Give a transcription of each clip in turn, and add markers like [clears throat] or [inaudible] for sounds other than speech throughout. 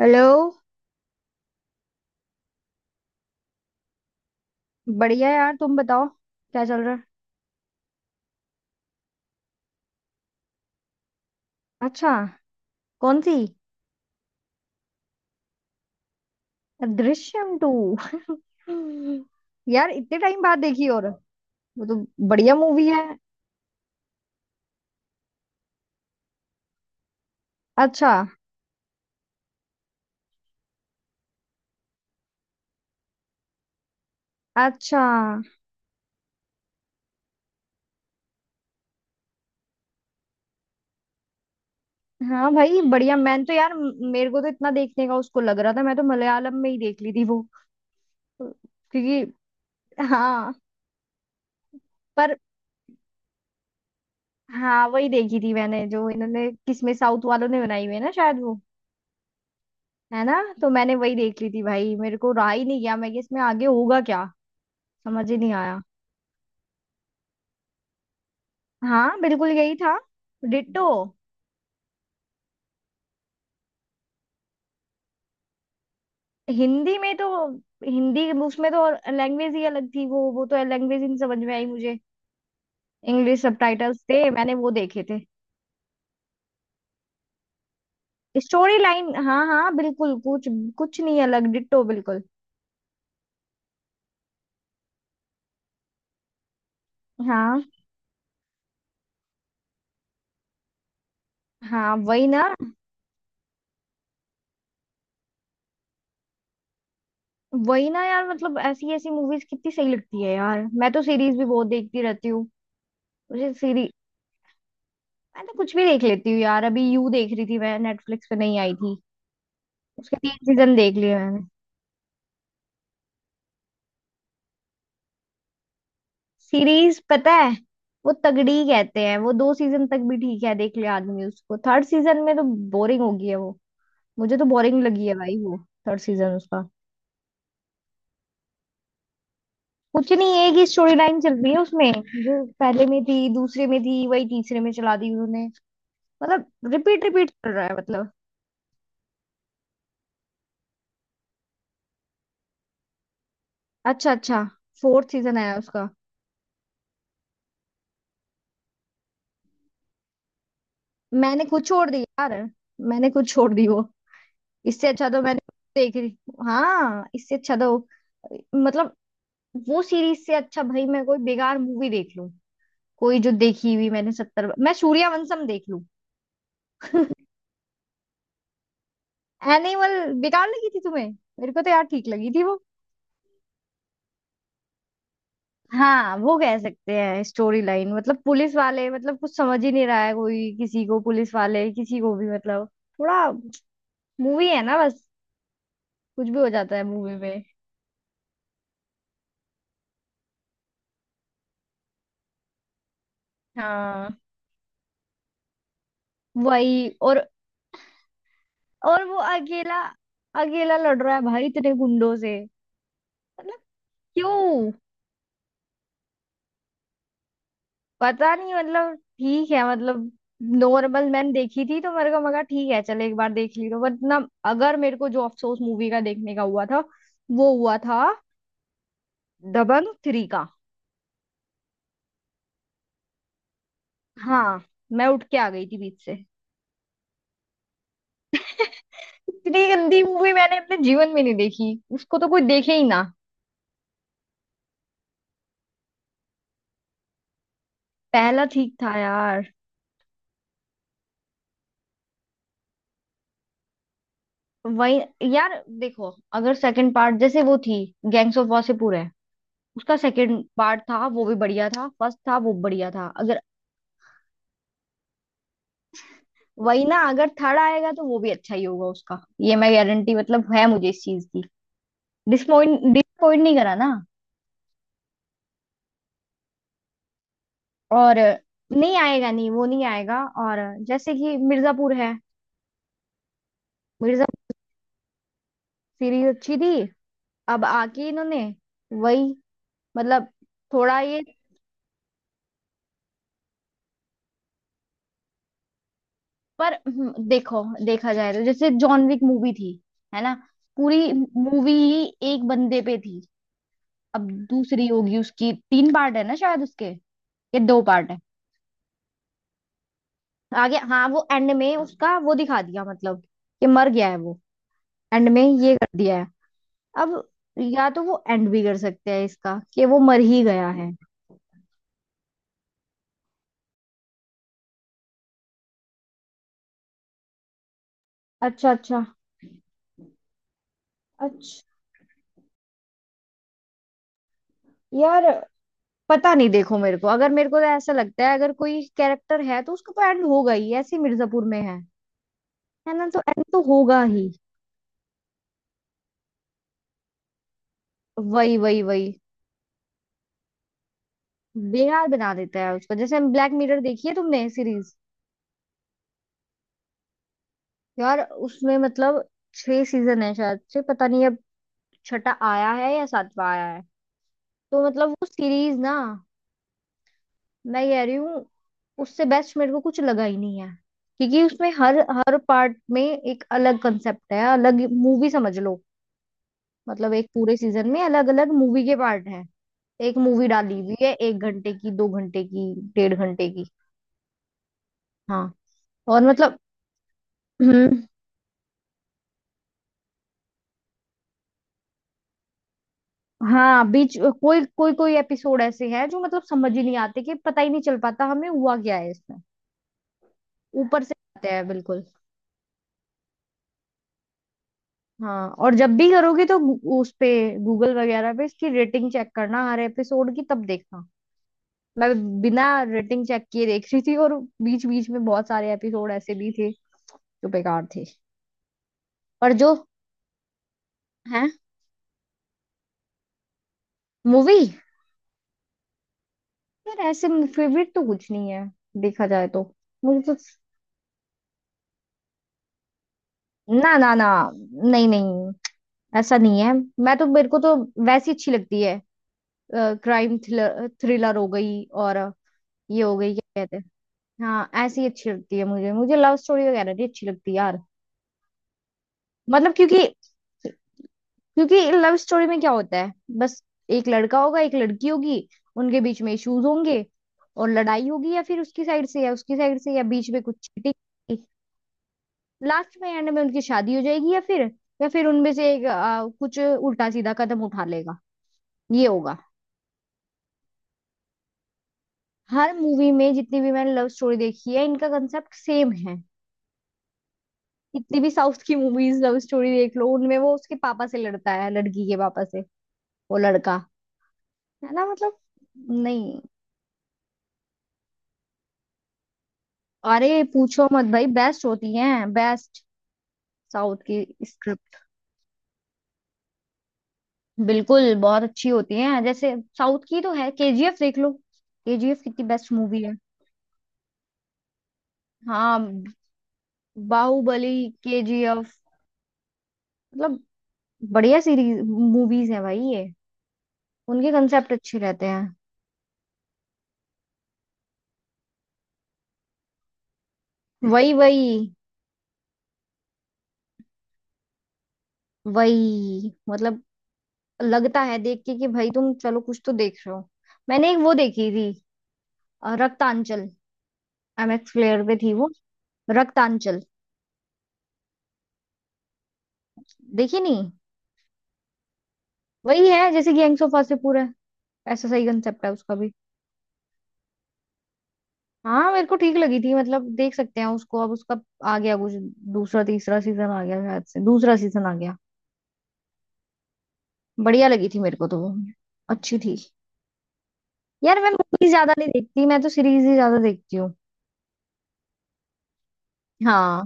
Hello. बढ़िया यार, तुम बताओ क्या चल रहा है। अच्छा, कौन सी? दृश्यम टू? [laughs] यार इतने टाइम बाद देखी। और वो तो बढ़िया मूवी है। अच्छा अच्छा। हाँ भाई बढ़िया। मैंने तो यार मेरे को तो इतना देखने का उसको लग रहा था। मैं तो मलयालम में ही देख ली थी वो, क्योंकि, हाँ। पर हाँ, वही देखी थी मैंने जो इन्होंने किसमें साउथ वालों ने बनाई हुई है ना, शायद वो। है ना, तो मैंने वही देख ली थी भाई, मेरे को रहा ही नहीं गया मैं कि इसमें आगे होगा क्या, समझ ही नहीं आया। हाँ बिल्कुल यही था, डिट्टो। हिंदी में तो, हिंदी उसमें तो लैंग्वेज ही अलग थी। वो तो लैंग्वेज ही नहीं समझ में आई मुझे। इंग्लिश सबटाइटल्स थे, मैंने वो देखे थे। स्टोरी लाइन हाँ हाँ बिल्कुल, कुछ कुछ नहीं अलग, डिट्टो बिल्कुल। हाँ हाँ वही ना। वही ना यार, मतलब ऐसी ऐसी मूवीज कितनी सही लगती है यार। मैं तो सीरीज भी बहुत देखती रहती हूँ, मुझे सीरीज। मैं तो कुछ भी देख लेती हूँ यार। अभी यू देख रही थी मैं, नेटफ्लिक्स पे नहीं आई थी। उसके तीन सीजन देख लिए मैंने। सीरीज पता है, वो तगड़ी ही कहते हैं। वो दो सीजन तक भी ठीक है, देख ले आदमी उसको, थर्ड सीजन में तो बोरिंग हो गई है वो। मुझे तो बोरिंग लगी है भाई वो, थर्ड सीजन उसका। कुछ नहीं, एक ही स्टोरी लाइन चल रही है उसमें। जो पहले में थी दूसरे में थी, वही तीसरे में चला दी उन्होंने। मतलब रिपीट रिपीट चल रहा है मतलब। अच्छा अच्छा। फोर्थ सीजन आया उसका। मैंने कुछ छोड़ दी यार। मैंने कुछ छोड़ दी वो। इससे अच्छा तो मैंने, देख रही, हाँ इससे अच्छा तो मतलब, वो सीरीज से अच्छा भाई मैं कोई बेकार मूवी देख लूं, कोई जो देखी हुई, मैंने सत्तर मैं सूर्यवंशम देख लूं। एनिमल बेकार लगी थी तुम्हें? मेरे को तो यार ठीक लगी थी वो। हाँ वो कह सकते हैं स्टोरी लाइन। मतलब पुलिस वाले, मतलब कुछ समझ ही नहीं रहा है कोई किसी को, पुलिस वाले किसी को भी मतलब। थोड़ा, मूवी है ना बस, कुछ भी हो जाता है मूवी में। हाँ वही, और वो अकेला, अकेला लड़ रहा है भाई इतने गुंडों से, मतलब। क्यों, पता नहीं, मतलब ठीक है मतलब नॉर्मल। मैंने देखी थी तो मेरे को मगा ठीक है, चलो एक बार देख ली, तो वरना। अगर मेरे को जो अफसोस मूवी का देखने का हुआ था वो हुआ था दबंग थ्री का। हाँ, मैं उठ के आ गई थी बीच से। इतनी गंदी मूवी मैंने अपने जीवन में नहीं देखी, उसको तो कोई देखे ही ना। पहला ठीक था यार। वही, यार देखो, अगर सेकंड पार्ट जैसे वो थी, गैंग्स ऑफ वासेपुर है, उसका सेकंड पार्ट था वो भी बढ़िया था, फर्स्ट था वो बढ़िया था, अगर। वही ना, अगर थर्ड आएगा तो वो भी अच्छा ही होगा उसका, ये मैं गारंटी मतलब है मुझे इस चीज की। डिसपॉइंट डिसपॉइंट नहीं करा ना। और, नहीं आएगा, नहीं वो नहीं आएगा। और, जैसे कि मिर्जापुर है। मिर्जापुर सीरीज अच्छी थी, अब आके इन्होंने वही मतलब, थोड़ा ये। पर देखो, देखा जाए तो, जैसे जॉन विक मूवी थी, है ना, पूरी मूवी ही एक बंदे पे थी। अब दूसरी होगी उसकी, तीन पार्ट है ना शायद उसके, या दो पार्ट। आगे, हाँ वो एंड में उसका वो दिखा दिया, मतलब कि मर गया है वो। एंड में ये कर दिया है अब, या तो वो एंड भी कर सकते हैं इसका कि वो मर ही गया है। अच्छा अच्छा अच्छा। यार पता नहीं, देखो मेरे को, अगर मेरे को तो ऐसा लगता है, अगर कोई कैरेक्टर है तो उसका तो एंड होगा ही, ऐसे मिर्जापुर में है ना, तो एंड तो होगा ही। वही वही वही। बेकार बना देता है उसको। जैसे हम, ब्लैक मिरर देखी है तुमने सीरीज? यार उसमें मतलब, छह सीजन है शायद से पता नहीं, छठा आया है या सातवां आया है। तो मतलब वो सीरीज ना, मैं कह रही हूँ, उससे बेस्ट मेरे को कुछ लगा ही नहीं है। क्योंकि उसमें हर हर पार्ट में एक अलग कंसेप्ट है, अलग मूवी समझ लो। मतलब एक पूरे सीजन में अलग अलग मूवी के पार्ट है। एक मूवी डाली हुई है, एक घंटे की, दो घंटे की, डेढ़ घंटे की। हाँ। और मतलब [clears throat] हम्म। हाँ बीच, कोई कोई कोई एपिसोड ऐसे है जो, मतलब समझ ही नहीं आते, कि पता ही नहीं चल पाता हमें हुआ क्या है इसमें। ऊपर से आते हैं बिल्कुल। हाँ, और जब भी करोगी तो उस पे गूगल वगैरह पे इसकी रेटिंग चेक करना, हर एपिसोड की तब देखना। मैं बिना रेटिंग चेक किए देख रही थी, और बीच बीच में बहुत सारे एपिसोड ऐसे भी थे जो बेकार थे। पर जो है। मूवी? यार ऐसे फेवरेट तो कुछ नहीं है देखा जाए तो, मुझे तो। ना ना ना, नहीं नहीं, ऐसा नहीं है। मैं तो, मेरे को तो वैसी अच्छी लगती है, क्राइम थ्रिलर, थ्रिलर हो गई, और ये हो गई, क्या कहते हैं। हाँ ऐसी अच्छी लगती है मुझे मुझे लव स्टोरी वगैरह भी अच्छी लगती है यार, मतलब क्योंकि, क्योंकि लव स्टोरी में क्या होता है बस, एक लड़का होगा एक लड़की होगी, उनके बीच में इश्यूज होंगे और लड़ाई होगी, या फिर उसकी साइड से या उसकी साइड से, या बीच में कुछ चीटिंग। लास्ट में, एंड में उनकी शादी हो जाएगी, या फिर, या फिर उनमें से एक कुछ उल्टा सीधा कदम उठा लेगा, ये होगा। हर मूवी में जितनी भी मैंने लव स्टोरी देखी है इनका कंसेप्ट सेम है। कितनी भी साउथ की मूवीज लव स्टोरी देख लो, उनमें वो उसके पापा से लड़ता है, लड़की के पापा से, वो लड़का, है ना, मतलब। नहीं, अरे पूछो मत भाई, बेस्ट होती हैं बेस्ट, साउथ की स्क्रिप्ट बिल्कुल बहुत अच्छी होती हैं। जैसे साउथ की तो है, केजीएफ देख लो, केजीएफ कितनी बेस्ट मूवी है। हाँ बाहुबली, केजीएफ, मतलब बढ़िया सीरीज मूवीज है भाई ये। उनके कंसेप्ट अच्छे रहते हैं। वही वही वही। मतलब लगता है देख के कि भाई तुम चलो कुछ तो देख रहे हो। मैंने एक वो देखी थी, रक्तांचल, एमएक्स प्लेयर पे थी वो। रक्तांचल, देखी नहीं? वही है जैसे गैंग्स ऑफ वासेपुर है, ऐसा सही कंसेप्ट है उसका भी। हाँ मेरे को ठीक लगी थी, मतलब देख सकते हैं उसको। अब उसका आ गया कुछ, दूसरा तीसरा सीजन आ गया शायद से, दूसरा सीजन आ गया। बढ़िया लगी थी मेरे को तो वो, अच्छी थी। यार मैं मूवीज ज्यादा नहीं देखती, मैं तो सीरीज ही ज्यादा देखती हूँ। हाँ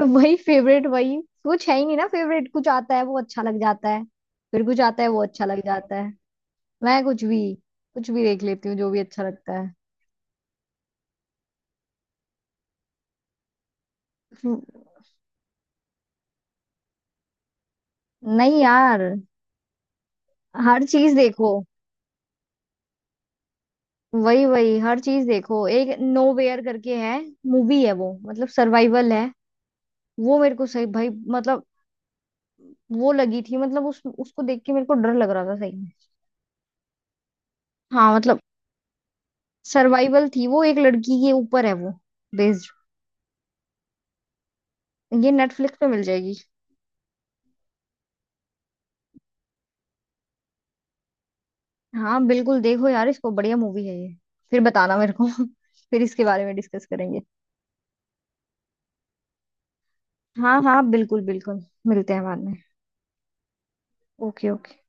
तो वही फेवरेट, वही कुछ है ही नहीं ना फेवरेट, कुछ आता है वो अच्छा लग जाता है, फिर कुछ आता है वो अच्छा लग जाता है। मैं कुछ भी, कुछ भी देख लेती हूँ जो भी अच्छा लगता है। नहीं यार, हर चीज देखो। वही वही, हर चीज देखो। एक नो वेयर करके है, मूवी है वो, मतलब सर्वाइवल है। वो मेरे को सही भाई, मतलब, वो लगी थी मतलब, उस उसको देख के मेरे को डर लग रहा था सही में। हाँ मतलब सर्वाइवल थी वो, एक लड़की के ऊपर है वो बेस्ड। ये नेटफ्लिक्स पे मिल जाएगी। हाँ बिल्कुल देखो यार इसको, बढ़िया मूवी है ये। फिर बताना मेरे को [laughs] फिर इसके बारे में डिस्कस करेंगे। हाँ हाँ बिल्कुल बिल्कुल, मिलते हैं बाद में। Okay okay.